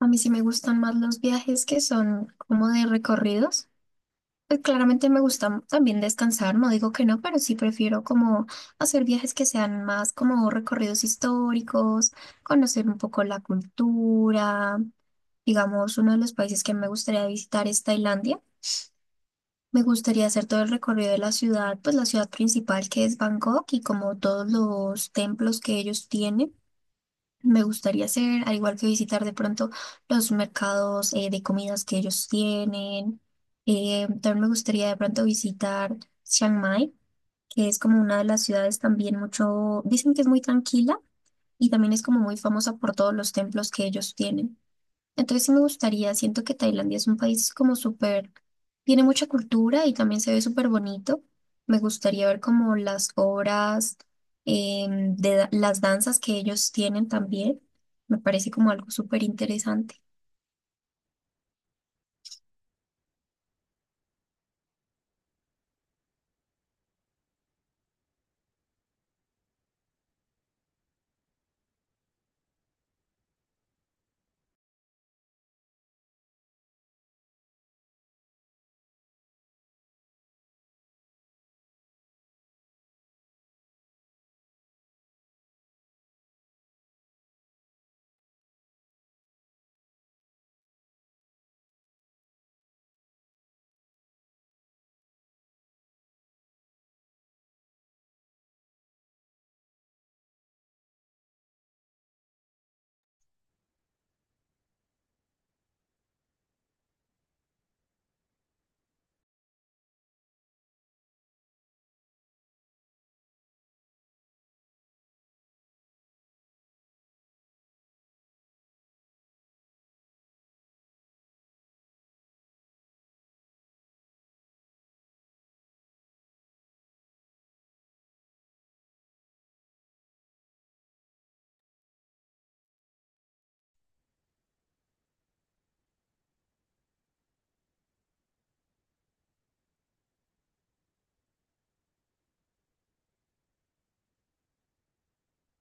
A mí sí me gustan más los viajes que son como de recorridos. Pues claramente me gusta también descansar, no digo que no, pero sí prefiero como hacer viajes que sean más como recorridos históricos, conocer un poco la cultura. Digamos, uno de los países que me gustaría visitar es Tailandia. Me gustaría hacer todo el recorrido de la ciudad, pues la ciudad principal que es Bangkok y como todos los templos que ellos tienen. Me gustaría hacer, al igual que visitar de pronto los mercados de comidas que ellos tienen. También me gustaría de pronto visitar Chiang Mai, que es como una de las ciudades también mucho, dicen que es muy tranquila y también es como muy famosa por todos los templos que ellos tienen. Entonces sí me gustaría, siento que Tailandia es un país como súper, tiene mucha cultura y también se ve súper bonito. Me gustaría ver como las obras de las danzas que ellos tienen también. Me parece como algo súper interesante.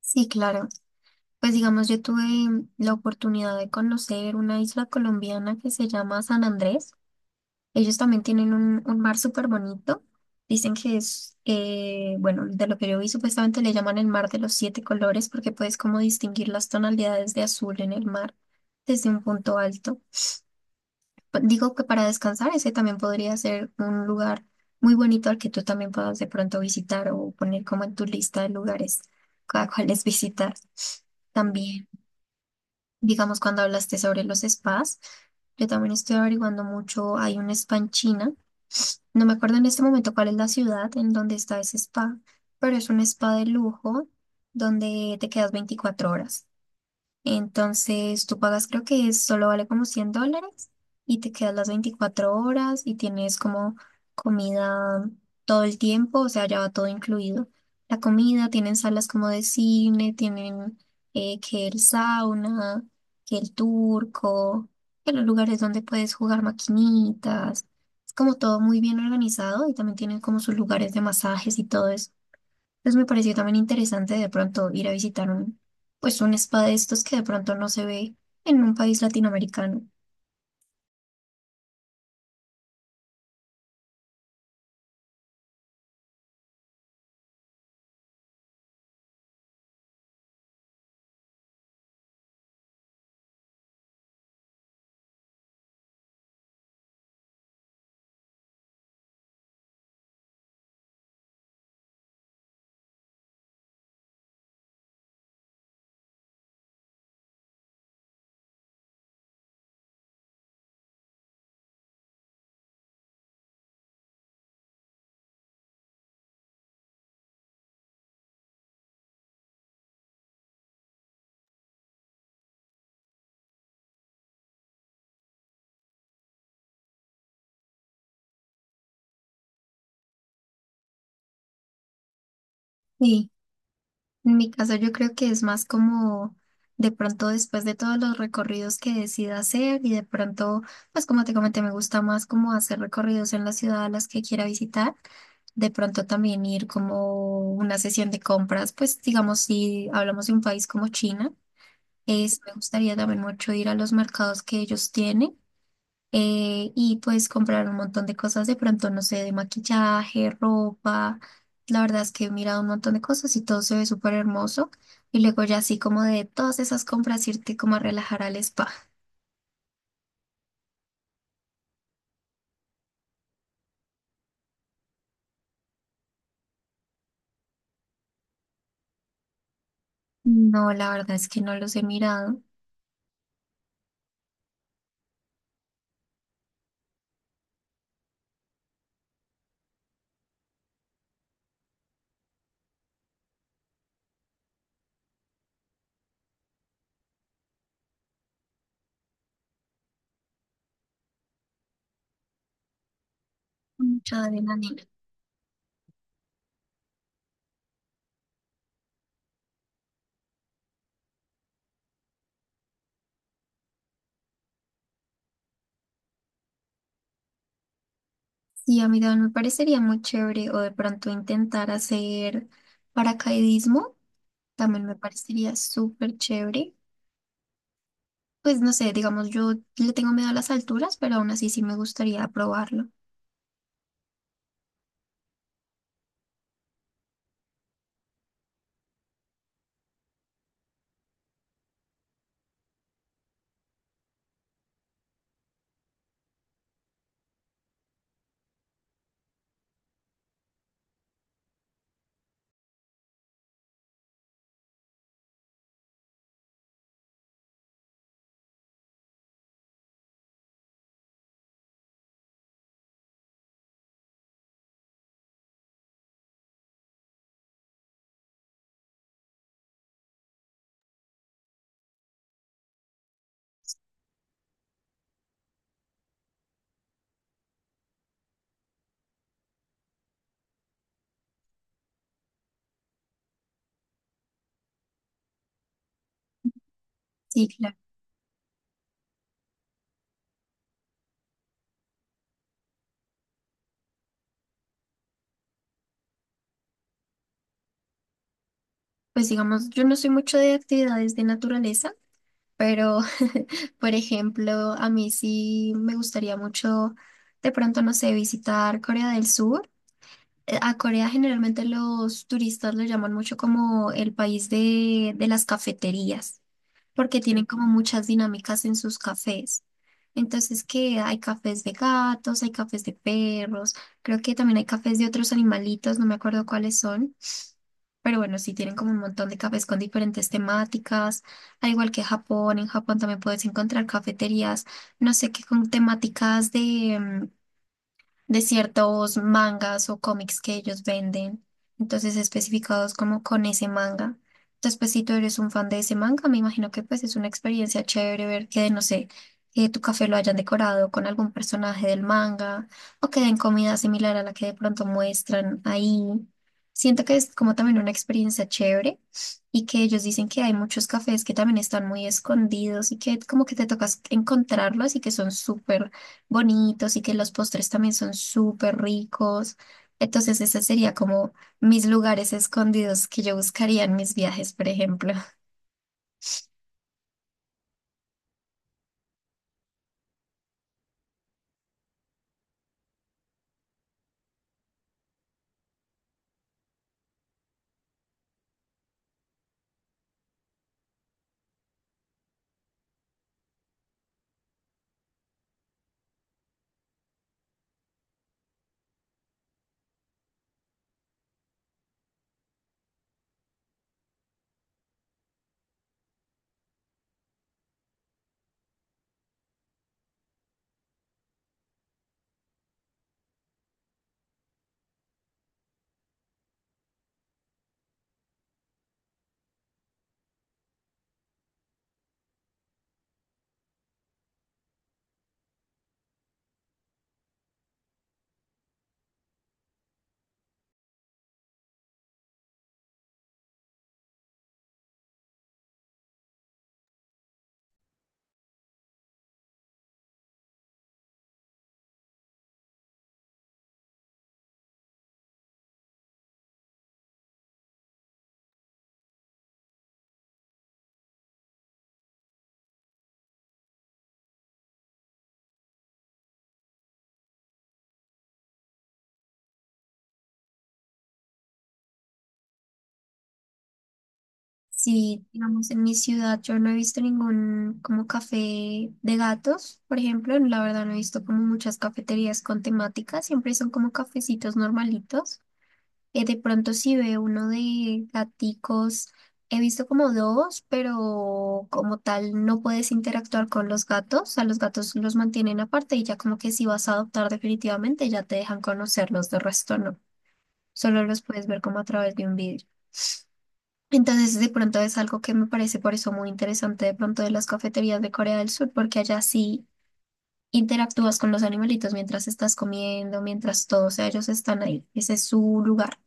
Sí, claro. Pues digamos, yo tuve la oportunidad de conocer una isla colombiana que se llama San Andrés. Ellos también tienen un mar súper bonito. Dicen que es, bueno, de lo que yo vi, supuestamente le llaman el mar de los siete colores porque puedes como distinguir las tonalidades de azul en el mar desde un punto alto. Digo que para descansar ese también podría ser un lugar muy bonito al que tú también puedas de pronto visitar o poner como en tu lista de lugares a cuáles visitar. También, digamos, cuando hablaste sobre los spas, yo también estoy averiguando mucho, hay un spa en China, pues no me acuerdo en este momento cuál es la ciudad en donde está ese spa, pero es un spa de lujo donde te quedas 24 horas. Entonces tú pagas, creo que solo vale como $100 y te quedas las 24 horas y tienes como comida todo el tiempo, o sea, ya va todo incluido. La comida, tienen salas como de cine, tienen que el sauna, que el turco, que los lugares donde puedes jugar maquinitas. Es como todo muy bien organizado y también tienen como sus lugares de masajes y todo eso. Pues me pareció también interesante de pronto ir a visitar pues un spa de estos que de pronto no se ve en un país latinoamericano. Y en mi caso yo creo que es más como de pronto después de todos los recorridos que decida hacer y de pronto, pues como te comenté, me gusta más como hacer recorridos en la ciudad a las que quiera visitar. De pronto también ir como una sesión de compras, pues digamos si hablamos de un país como China, es, me gustaría también mucho ir a los mercados que ellos tienen y pues comprar un montón de cosas de pronto, no sé, de maquillaje, ropa. La verdad es que he mirado un montón de cosas y todo se ve súper hermoso. Y luego ya así como de todas esas compras irte como a relajar al spa. No, la verdad es que no los he mirado. Mucha adrenalina. Sí, a mí también me parecería muy chévere o de pronto intentar hacer paracaidismo. También me parecería súper chévere. Pues no sé, digamos, yo le tengo miedo a las alturas, pero aún así sí me gustaría probarlo. Sí, claro. Pues digamos, yo no soy mucho de actividades de naturaleza, pero por ejemplo, a mí sí me gustaría mucho, de pronto, no sé, visitar Corea del Sur. A Corea generalmente los turistas lo llaman mucho como el país de las cafeterías, porque tienen como muchas dinámicas en sus cafés. Entonces, que hay cafés de gatos, hay cafés de perros, creo que también hay cafés de otros animalitos, no me acuerdo cuáles son. Pero bueno, sí tienen como un montón de cafés con diferentes temáticas, al igual que Japón, en Japón también puedes encontrar cafeterías, no sé qué, con temáticas de ciertos mangas o cómics que ellos venden, entonces especificados como con ese manga. Entonces, pues si tú eres un fan de ese manga, me imagino que pues es una experiencia chévere ver que, no sé, que tu café lo hayan decorado con algún personaje del manga o que den comida similar a la que de pronto muestran ahí. Siento que es como también una experiencia chévere y que ellos dicen que hay muchos cafés que también están muy escondidos y que como que te tocas encontrarlos y que son súper bonitos y que los postres también son súper ricos. Entonces, ese sería como mis lugares escondidos que yo buscaría en mis viajes, por ejemplo. Si, digamos, en mi ciudad yo no he visto ningún como café de gatos, por ejemplo, la verdad no he visto como muchas cafeterías con temática, siempre son como cafecitos normalitos. De pronto si ve uno de gaticos, he visto como dos, pero como tal no puedes interactuar con los gatos, a los gatos los mantienen aparte y ya como que si vas a adoptar definitivamente ya te dejan conocerlos, de resto no, solo los puedes ver como a través de un vidrio. Entonces de pronto es algo que me parece por eso muy interesante de pronto de las cafeterías de Corea del Sur, porque allá sí interactúas con los animalitos mientras estás comiendo, mientras todo, o sea, ellos están ahí, ese es su lugar.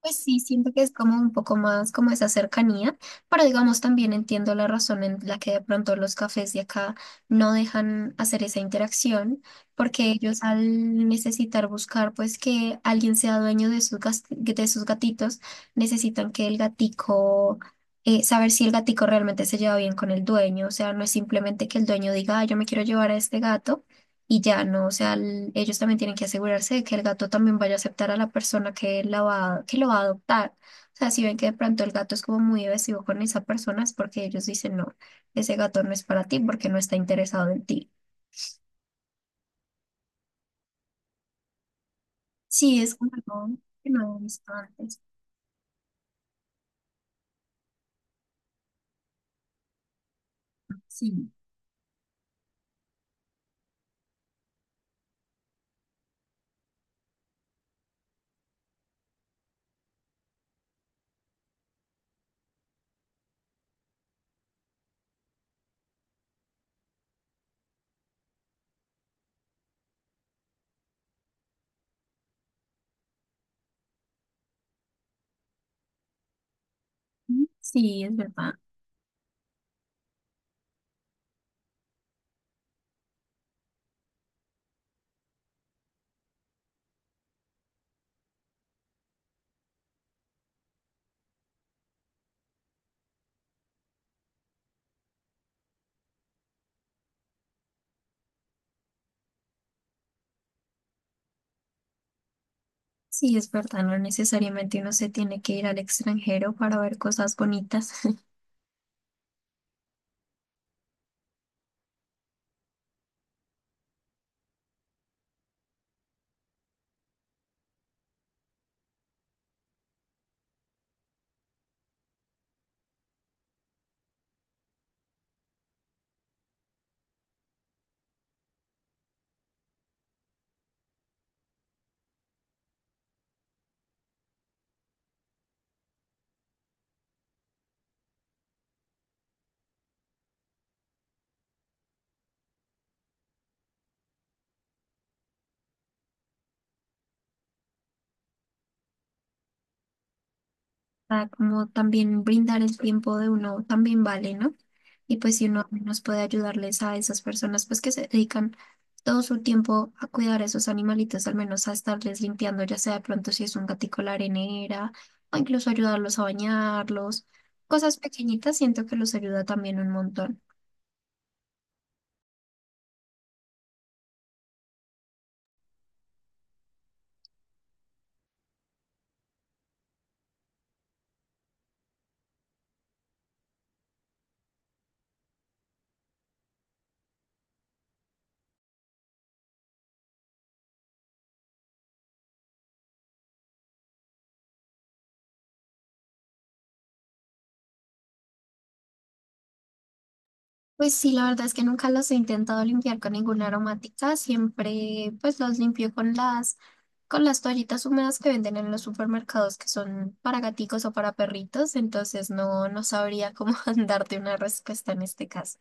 Pues sí, siento que es como un poco más como esa cercanía, pero digamos también entiendo la razón en la que de pronto los cafés de acá no dejan hacer esa interacción, porque ellos al necesitar buscar pues que alguien sea dueño de de sus gatitos, necesitan que el gatico, saber si el gatico realmente se lleva bien con el dueño, o sea, no es simplemente que el dueño diga, "Ah, yo me quiero llevar a este gato y ya no, o sea, ellos también tienen que asegurarse de que el gato también vaya a aceptar a la persona que, la va, que lo va a adoptar. O sea, si ven que de pronto el gato es como muy evasivo con esa persona, es porque ellos dicen, no, ese gato no es para ti porque no está interesado en ti. Sí, es como algo que no he visto antes. Sí, sí, es verdad. Sí, es verdad, no necesariamente uno se tiene que ir al extranjero para ver cosas bonitas. Para como también brindar el tiempo de uno también vale, ¿no? Y pues si uno nos puede ayudarles a esas personas pues que se dedican todo su tiempo a cuidar a esos animalitos, al menos a estarles limpiando, ya sea de pronto si es un gatico la arenera, o incluso ayudarlos a bañarlos, cosas pequeñitas, siento que los ayuda también un montón. Pues sí, la verdad es que nunca los he intentado limpiar con ninguna aromática, siempre pues los limpio con las toallitas húmedas que venden en los supermercados que son para gaticos o para perritos, entonces no sabría cómo darte una respuesta en este caso.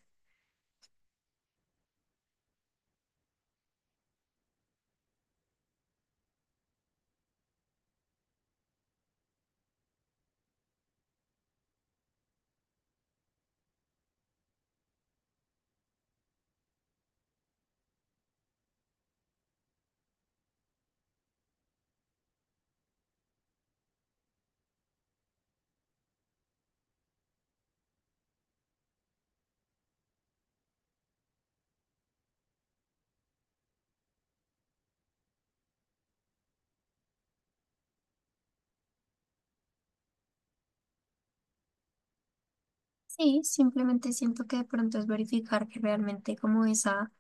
Sí, simplemente siento que de pronto es verificar que realmente como esa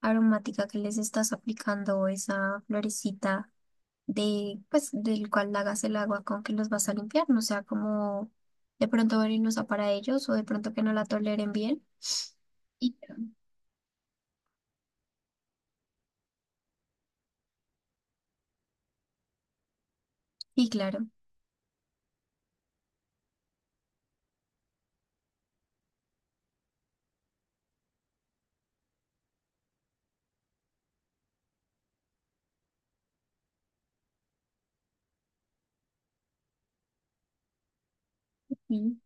aromática que les estás aplicando o esa florecita de, pues, del cual hagas el agua con que los vas a limpiar, no sea como de pronto venenosa para ellos o de pronto que no la toleren bien. Y Y claro, Sí,